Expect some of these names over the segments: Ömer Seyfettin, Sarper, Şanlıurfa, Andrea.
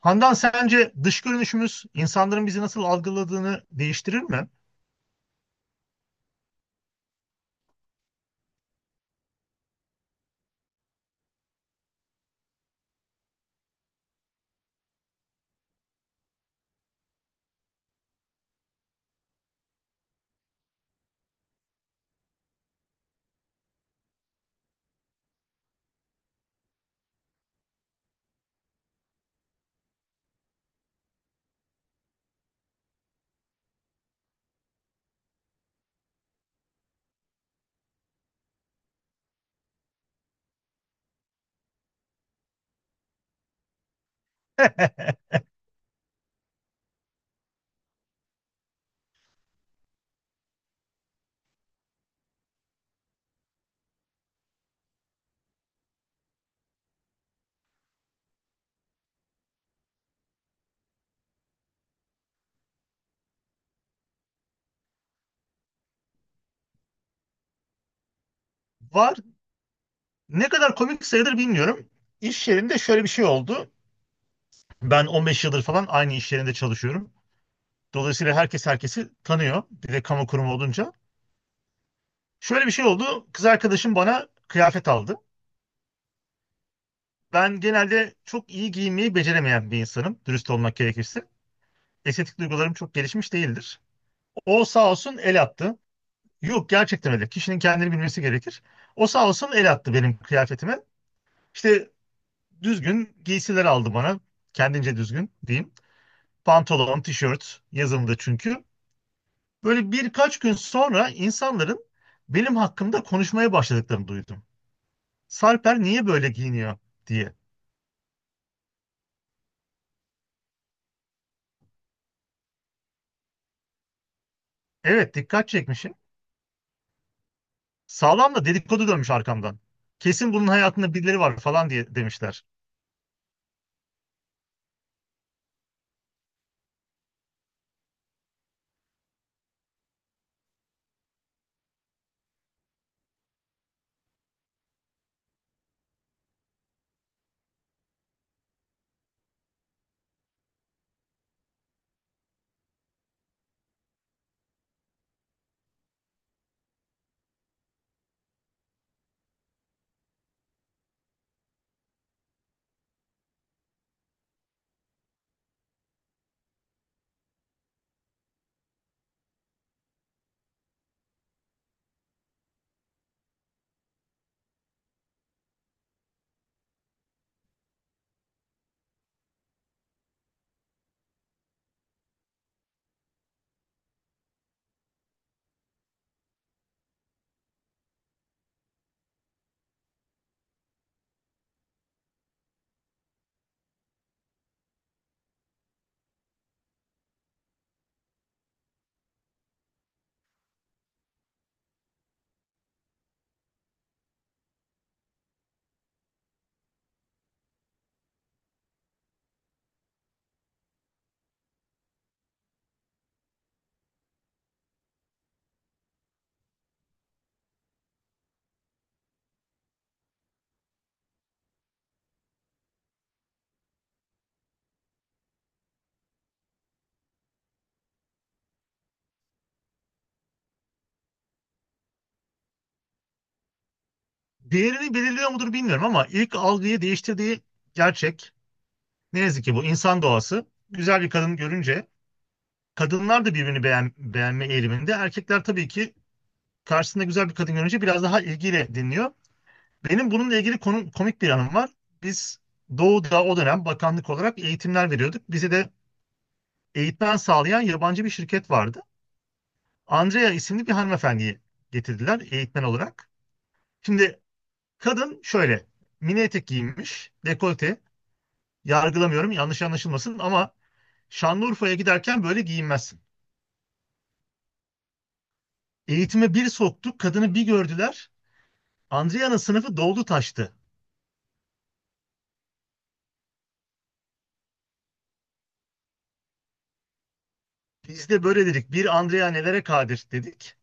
Handan, sence dış görünüşümüz insanların bizi nasıl algıladığını değiştirir mi? Var. Ne kadar komik sayılır bilmiyorum. İş yerinde şöyle bir şey oldu. Ben 15 yıldır falan aynı iş yerinde çalışıyorum. Dolayısıyla herkes herkesi tanıyor. Bir de kamu kurumu olunca. Şöyle bir şey oldu. Kız arkadaşım bana kıyafet aldı. Ben genelde çok iyi giyinmeyi beceremeyen bir insanım. Dürüst olmak gerekirse. Estetik duygularım çok gelişmiş değildir. O sağ olsun el attı. Yok gerçekten öyle. Kişinin kendini bilmesi gerekir. O sağ olsun el attı benim kıyafetime. İşte düzgün giysiler aldı bana. Kendince düzgün diyeyim. Pantolon, tişört yazımdı çünkü. Böyle birkaç gün sonra insanların benim hakkımda konuşmaya başladıklarını duydum. Sarper niye böyle giyiniyor diye. Evet, dikkat çekmişim. Sağlam da dedikodu dönmüş arkamdan. Kesin bunun hayatında birileri var falan diye demişler. Değerini belirliyor mudur bilmiyorum ama ilk algıyı değiştirdiği gerçek. Ne yazık ki bu insan doğası. Güzel bir kadın görünce kadınlar da birbirini beğen, beğenme eğiliminde. Erkekler tabii ki karşısında güzel bir kadın görünce biraz daha ilgiyle dinliyor. Benim bununla ilgili konu, komik bir anım var. Biz Doğu'da o dönem bakanlık olarak eğitimler veriyorduk. Bize de eğitmen sağlayan yabancı bir şirket vardı. Andrea isimli bir hanımefendiyi getirdiler eğitmen olarak. Şimdi kadın şöyle mini etek giyinmiş, dekolte. Yargılamıyorum, yanlış anlaşılmasın ama Şanlıurfa'ya giderken böyle giyinmezsin. Eğitime bir soktuk, kadını bir gördüler. Andrea'nın sınıfı doldu taştı. Biz de böyle dedik. Bir Andrea nelere kadir dedik.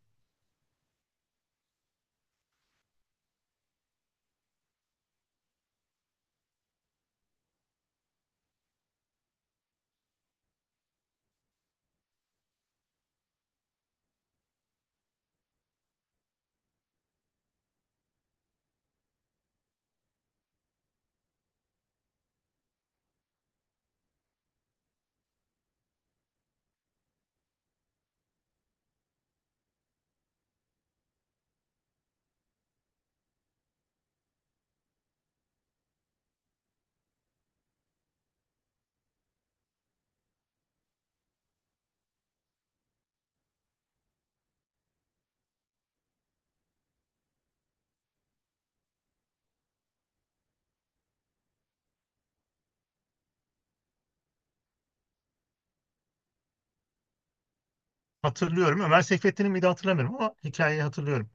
Hatırlıyorum. Ömer Seyfettin'in miydi hatırlamıyorum ama hikayeyi hatırlıyorum.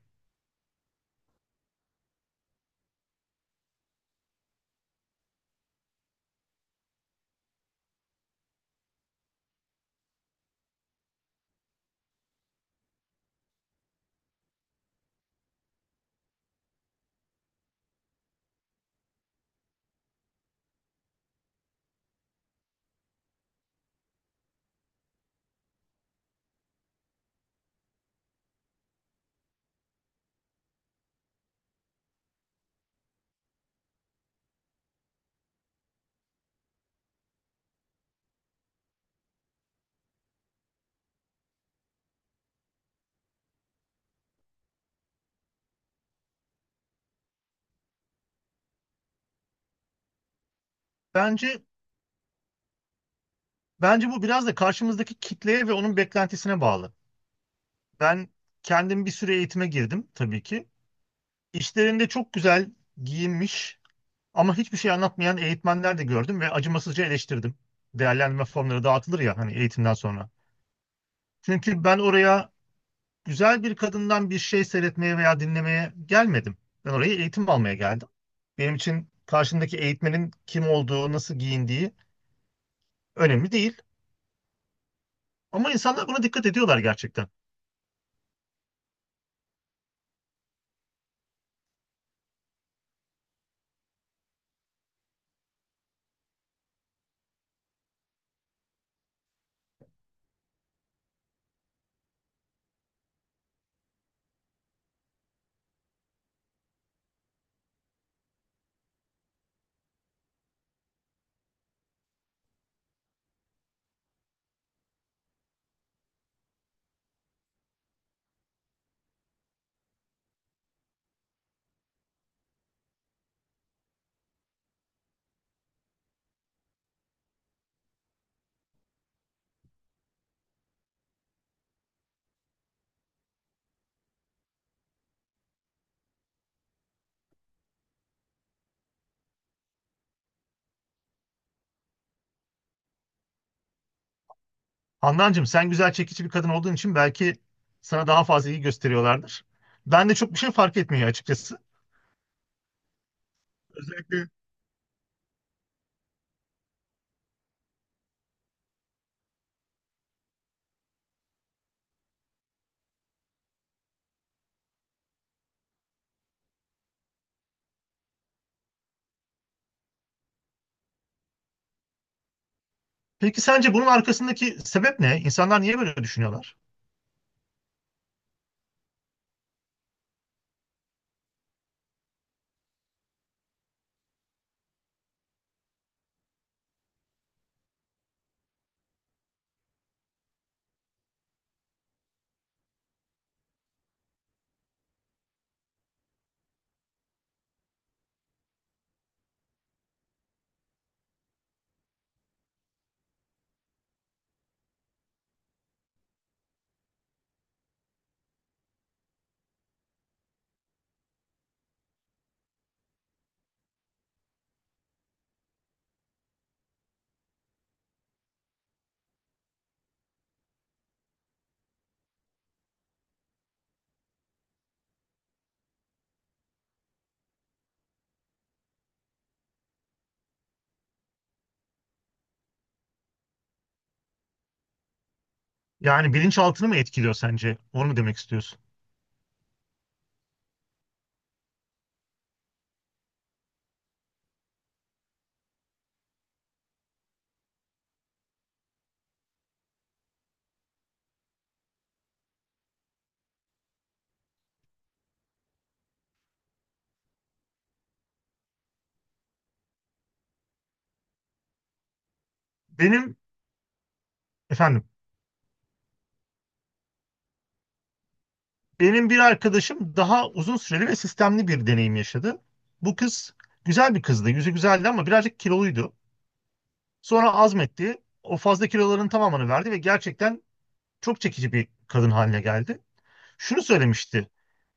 Bence bence bu biraz da karşımızdaki kitleye ve onun beklentisine bağlı. Ben kendim bir süre eğitime girdim tabii ki. İşlerinde çok güzel giyinmiş ama hiçbir şey anlatmayan eğitmenler de gördüm ve acımasızca eleştirdim. Değerlendirme formları dağıtılır ya hani eğitimden sonra. Çünkü ben oraya güzel bir kadından bir şey seyretmeye veya dinlemeye gelmedim. Ben oraya eğitim almaya geldim. Benim için karşımdaki eğitmenin kim olduğu, nasıl giyindiği önemli değil. Ama insanlar buna dikkat ediyorlar gerçekten. Handancığım, sen güzel çekici bir kadın olduğun için belki sana daha fazla iyi gösteriyorlardır. Ben de çok bir şey fark etmiyor açıkçası. Özellikle. Peki sence bunun arkasındaki sebep ne? İnsanlar niye böyle düşünüyorlar? Yani bilinçaltını mı etkiliyor sence? Onu mu demek istiyorsun? Benim. Efendim. Benim bir arkadaşım daha uzun süreli ve sistemli bir deneyim yaşadı. Bu kız güzel bir kızdı. Yüzü güzeldi ama birazcık kiloluydu. Sonra azmetti. O fazla kiloların tamamını verdi ve gerçekten çok çekici bir kadın haline geldi. Şunu söylemişti.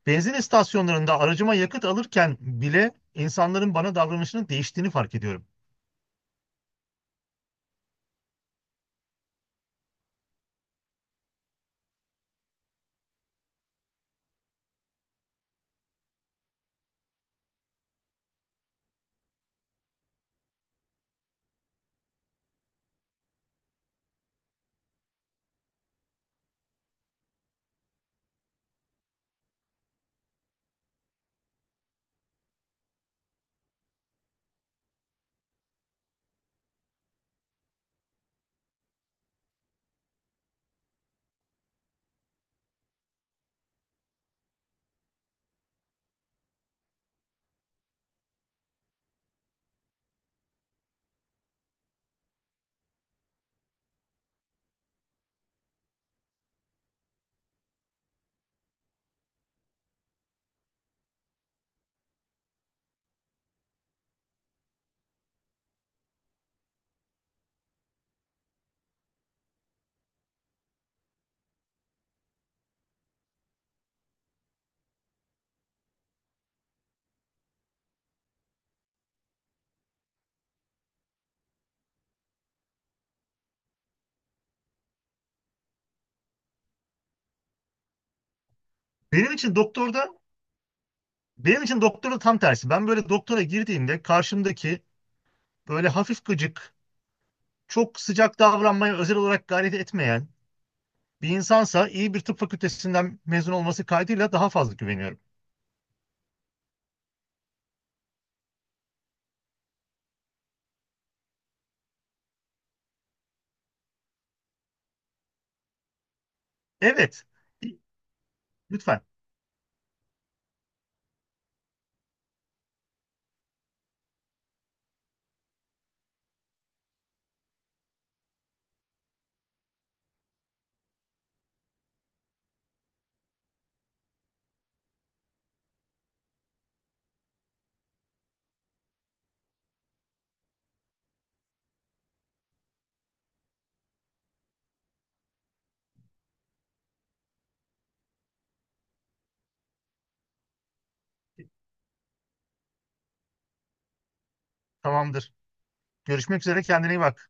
Benzin istasyonlarında aracıma yakıt alırken bile insanların bana davranışının değiştiğini fark ediyorum. Benim için doktorda, benim için doktorda tam tersi. Ben böyle doktora girdiğimde karşımdaki böyle hafif gıcık, çok sıcak davranmaya özel olarak gayret etmeyen, bir insansa iyi bir tıp fakültesinden mezun olması kaydıyla daha fazla güveniyorum. Evet. Lütfen. Tamamdır. Görüşmek üzere. Kendine iyi bak.